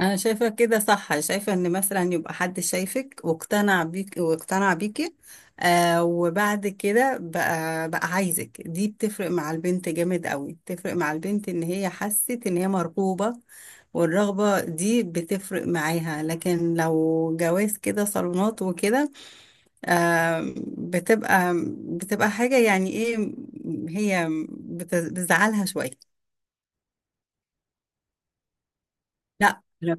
انا شايفه كده صح. شايفه ان مثلا يبقى حد شايفك واقتنع بيك واقتنع بيكي. آه وبعد كده بقى عايزك، دي بتفرق مع البنت جامد قوي، بتفرق مع البنت ان هي حست ان هي مرغوبه، والرغبه دي بتفرق معاها. لكن لو جواز كده صالونات وكده، آه بتبقى حاجه يعني ايه. هي بتزعلها شويه. لا لا.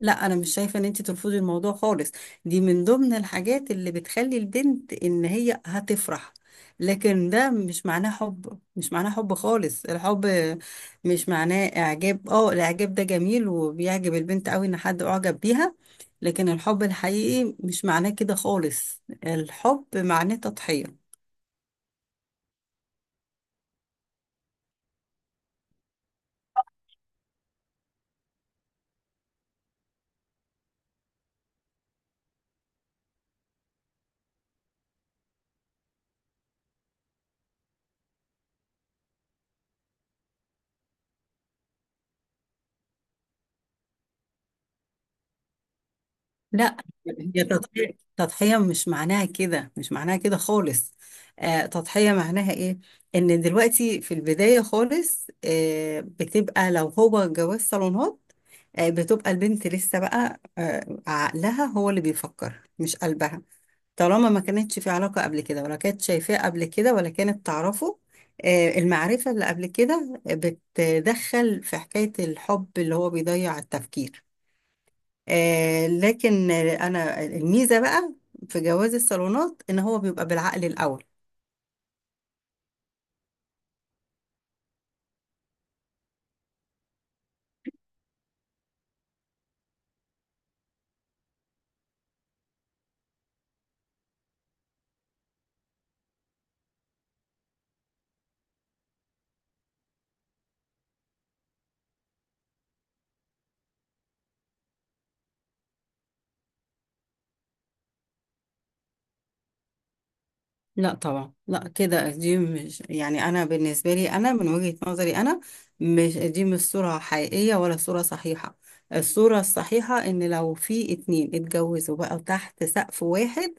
لا انا مش شايفه ان انت ترفضي الموضوع خالص. دي من ضمن الحاجات اللي بتخلي البنت ان هي هتفرح، لكن ده مش معناه حب خالص. الحب مش معناه اعجاب. اه الاعجاب ده جميل وبيعجب البنت قوي ان حد اعجب بيها، لكن الحب الحقيقي مش معناه كده خالص. الحب معناه تضحية. لا، هي تضحية مش معناها كده خالص. آه تضحية معناها ايه؟ ان دلوقتي في البداية خالص، آه بتبقى لو هو جواز صالونات، آه بتبقى البنت لسه بقى آه عقلها هو اللي بيفكر مش قلبها، طالما ما كانتش في علاقة قبل كده ولا كانت شايفاه قبل كده ولا كانت تعرفه. آه، المعرفة اللي قبل كده بتدخل في حكاية الحب اللي هو بيضيع التفكير. آه لكن انا الميزه بقى في جواز الصالونات ان هو بيبقى بالعقل الاول. لا طبعا، لا كده دي مش، يعني انا بالنسبه لي انا من وجهه نظري انا، مش دي مش صوره حقيقيه ولا صوره صحيحه. الصوره الصحيحه ان لو في اتنين اتجوزوا بقى تحت سقف واحد،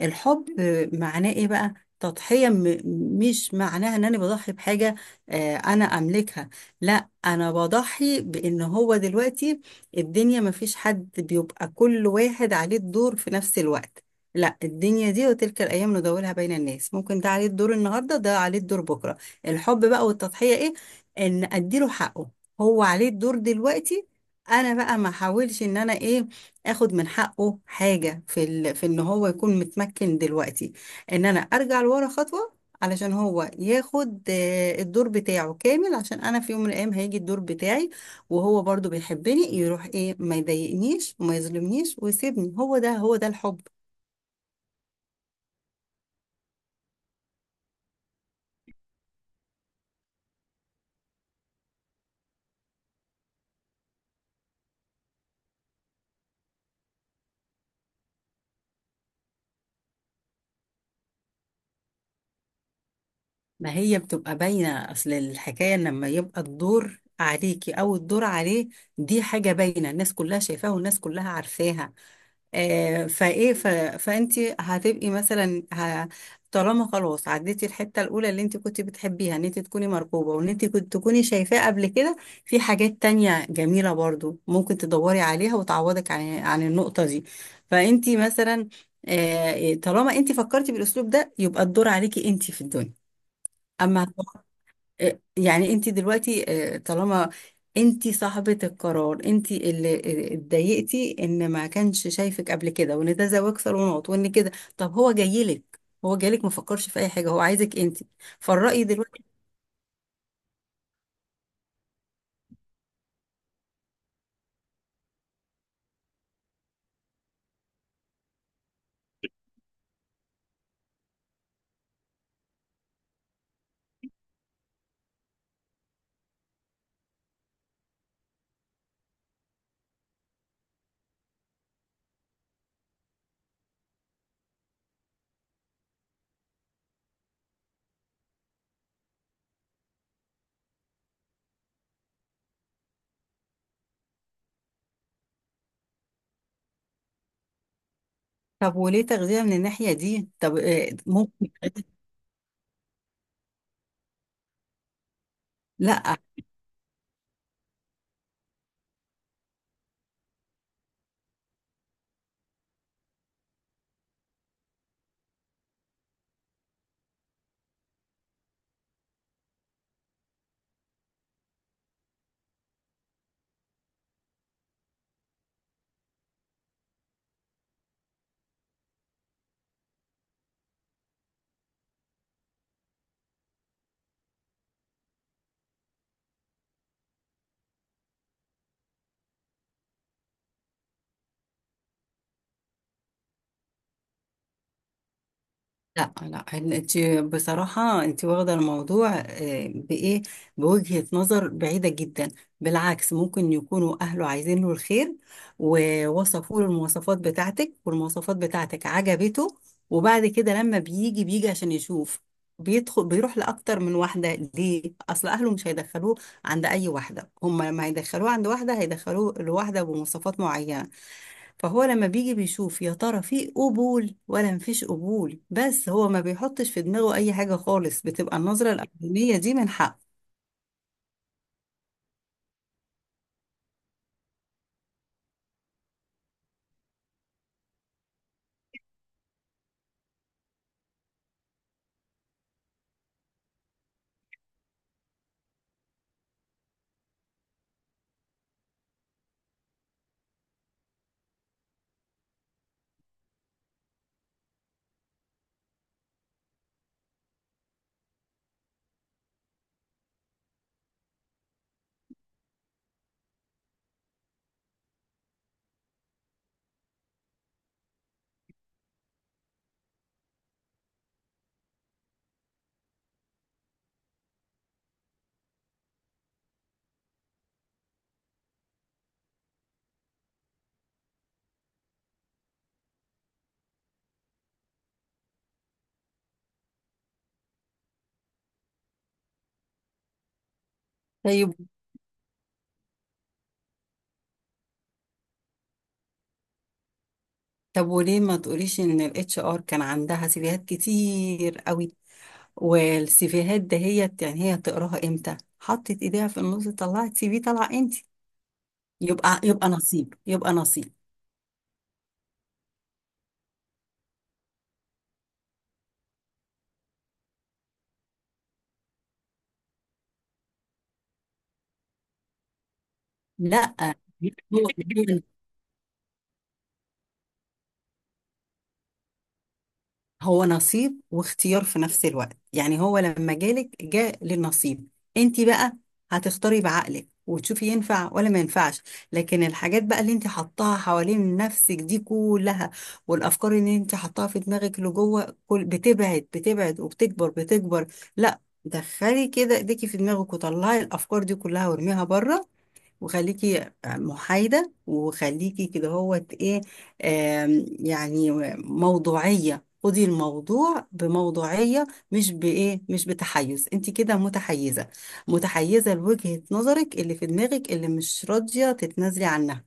الحب معناه ايه بقى؟ تضحيه. مش معناها ان انا بضحي بحاجه انا املكها. لا، انا بضحي بان هو دلوقتي الدنيا ما فيش حد بيبقى كل واحد عليه الدور في نفس الوقت. لا الدنيا دي وتلك الأيام ندورها بين الناس، ممكن ده عليه الدور النهاردة، ده عليه الدور بكرة. الحب بقى والتضحية إيه؟ إن أديله حقه، هو عليه الدور دلوقتي، أنا بقى ما أحاولش إن أنا إيه، آخد من حقه حاجة في إن هو يكون متمكن دلوقتي، إن أنا أرجع لورا خطوة علشان هو ياخد الدور بتاعه كامل، عشان أنا في يوم من الأيام هيجي الدور بتاعي. وهو برضو بيحبني يروح إيه ما يضايقنيش وما يظلمنيش ويسيبني، هو ده هو ده الحب. ما هي بتبقى باينة، أصل الحكاية إن لما يبقى الدور عليكي أو الدور عليه، دي حاجة باينة، الناس كلها شايفاها والناس كلها عارفاها. آه فأنت هتبقي مثلا طالما خلاص عديتي الحتة الأولى اللي أنت كنت بتحبيها إن أنت تكوني مرغوبة وإن أنت كنت تكوني شايفاه قبل كده، في حاجات تانية جميلة برضو ممكن تدوري عليها وتعوضك عن النقطة دي. فأنت مثلا آه طالما أنت فكرتي بالأسلوب ده يبقى الدور عليكي أنت في الدنيا. أما آه، يعني انت دلوقتي آه، طالما انت صاحبة القرار، انت اللي آه، اتضايقتي ان ما كانش شايفك قبل كده وان ده زواج صالونات وان كده، طب هو جايلك، هو جايلك ما فكرش في اي حاجة، هو عايزك انت. فالرأي دلوقتي، طب وليه تغذية من الناحية دي؟ طب آه، ممكن. لا لا لا، انت بصراحة انت واخدة الموضوع آه، بإيه، بوجهة نظر بعيدة جدا. بالعكس ممكن يكونوا أهله عايزين له الخير، ووصفوا له المواصفات بتاعتك والمواصفات بتاعتك عجبته، وبعد كده لما بيجي عشان يشوف بيدخل بيروح لأكتر من واحدة. ليه؟ أصل أهله مش هيدخلوه عند أي واحدة، هم لما هيدخلوه عند واحدة هيدخلوه لواحدة بمواصفات معينة، فهو لما بيجي بيشوف يا ترى في قبول ولا مفيش قبول، بس هو ما بيحطش في دماغه اي حاجة خالص. بتبقى النظرة الاولانية دي من حق. طيب، طب وليه ما تقوليش ان الاتش ار كان عندها سيفيهات كتير قوي، والسيفيهات دهيت يعني هي تقراها امتى، حطت ايديها في النص طلعت سي في، طلع انت. يبقى نصيب، يبقى نصيب. لا هو هو نصيب واختيار في نفس الوقت. يعني هو لما جالك جاء للنصيب، انت بقى هتختاري بعقلك وتشوفي ينفع ولا ما ينفعش. لكن الحاجات بقى اللي انت حطاها حوالين نفسك دي كلها، والافكار اللي انت حطاها في دماغك لجوه كل بتبعد بتبعد وبتكبر بتكبر، لا، دخلي كده ايديكي في دماغك وطلعي الافكار دي كلها وارميها بره، وخليكي محايدة وخليكي كده. هو ايه آم، يعني موضوعية. خدي الموضوع بموضوعية، مش بإيه، مش بتحيز، انت كده متحيزة، متحيزة لوجهة نظرك اللي في دماغك اللي مش راضية تتنازلي عنها.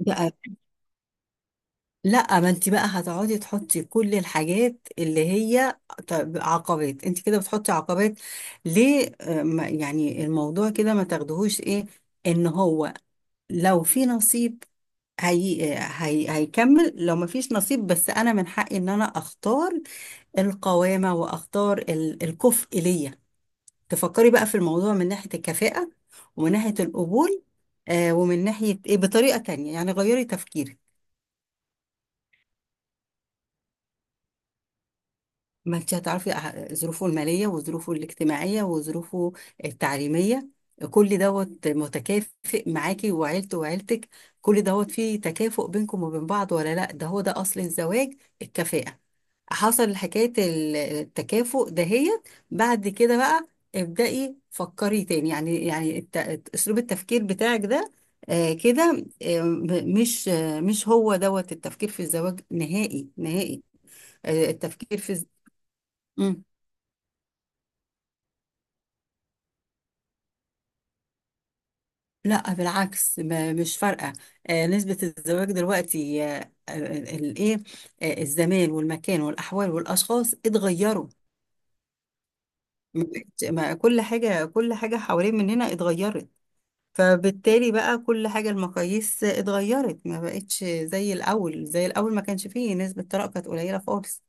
بقى لا، ما انت بقى هتقعدي تحطي كل الحاجات اللي هي عقبات، انت كده بتحطي عقبات. ليه آه، يعني الموضوع كده ما تاخدهوش ايه، ان هو لو في نصيب هيكمل، لو مفيش نصيب بس انا من حقي ان انا اختار القوامة واختار الكفء ليا. تفكري بقى في الموضوع من ناحية الكفاءة ومن ناحية القبول، آه ومن ناحية ايه بطريقة تانية، يعني غيري تفكيرك. ما انت هتعرفي ظروفه المالية وظروفه الاجتماعية وظروفه التعليمية، كل دوت متكافئ معاكي، وعيلته وعيلتك كل دوت فيه تكافؤ بينكم وبين بعض ولا لا. ده هو ده أصل الزواج الكفاءة. حصل حكاية التكافؤ دهيت بعد كده بقى، ابدأي فكري تاني. يعني أسلوب التفكير بتاعك ده آه كده آه مش آه مش هو دوت التفكير في الزواج نهائي نهائي. آه التفكير في مم. لا بالعكس، مش فارقة. آه، نسبة الزواج دلوقتي آه، آه، الايه آه، الزمان والمكان والأحوال والأشخاص اتغيروا. ما كل حاجة، كل حاجة حوالين مننا اتغيرت، فبالتالي بقى كل حاجة المقاييس اتغيرت، ما بقتش زي الأول، زي الأول ما كانش فيه نسبة طلاق كانت قليلة خالص.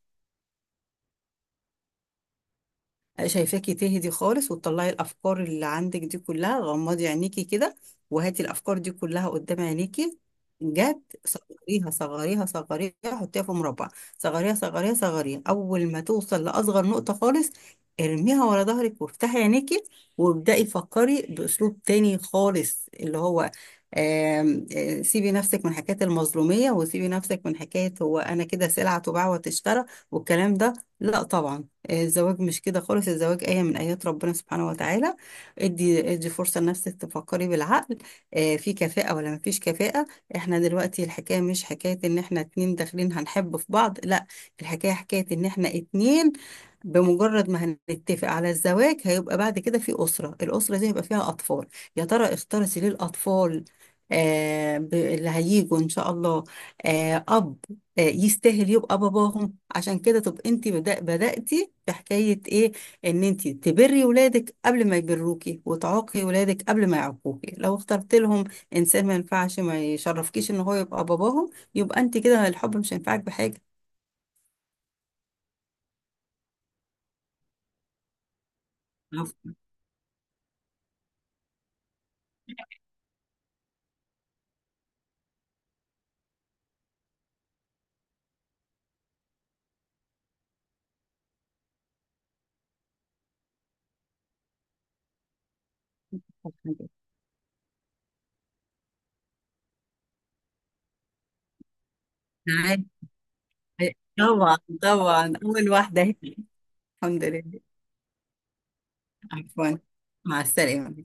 شايفاكي تهدي خالص، وتطلعي الافكار اللي عندك دي كلها. غمضي عينيكي كده، وهاتي الافكار دي كلها قدام عينيكي، جت صغريها صغريها صغريها، حطيها في مربع، صغريها صغريها صغريها، اول ما توصل لاصغر نقطة خالص ارميها ورا ظهرك وافتحي عينيكي، وابدأي فكري باسلوب تاني خالص اللي هو آم، آه، سيبي نفسك من حكاية المظلومية، وسيبي نفسك من حكاية هو أنا كده سلعة تباع وتشترى والكلام ده. لا طبعا، الزواج مش كده خالص، الزواج آية من آيات ربنا سبحانه وتعالى. ادي فرصة لنفسك تفكري بالعقل، آه، في كفاءة ولا مفيش كفاءة. احنا دلوقتي الحكاية مش حكاية ان احنا اتنين داخلين هنحب في بعض، لا، الحكاية حكاية ان احنا اتنين بمجرد ما هنتفق على الزواج هيبقى بعد كده في أسرة، الأسرة دي هيبقى فيها أطفال. يا ترى اختارتي ليه الأطفال آه اللي هيجوا إن شاء الله آه أب آه، يستاهل يبقى باباهم؟ عشان كده تبقى انت بدأتي في حكاية ايه، ان انت تبري ولادك قبل ما يبروكي، وتعاقي ولادك قبل ما يعاقوكي، لو اخترت لهم انسان ما ينفعش ما يشرفكيش ان هو يبقى باباهم، يبقى انت كده الحب مش هينفعك بحاجة. عفواً، عفواً. عادي. طبعا طبعا اول واحدة هي. الحمد لله، عفوا، مع السلامة.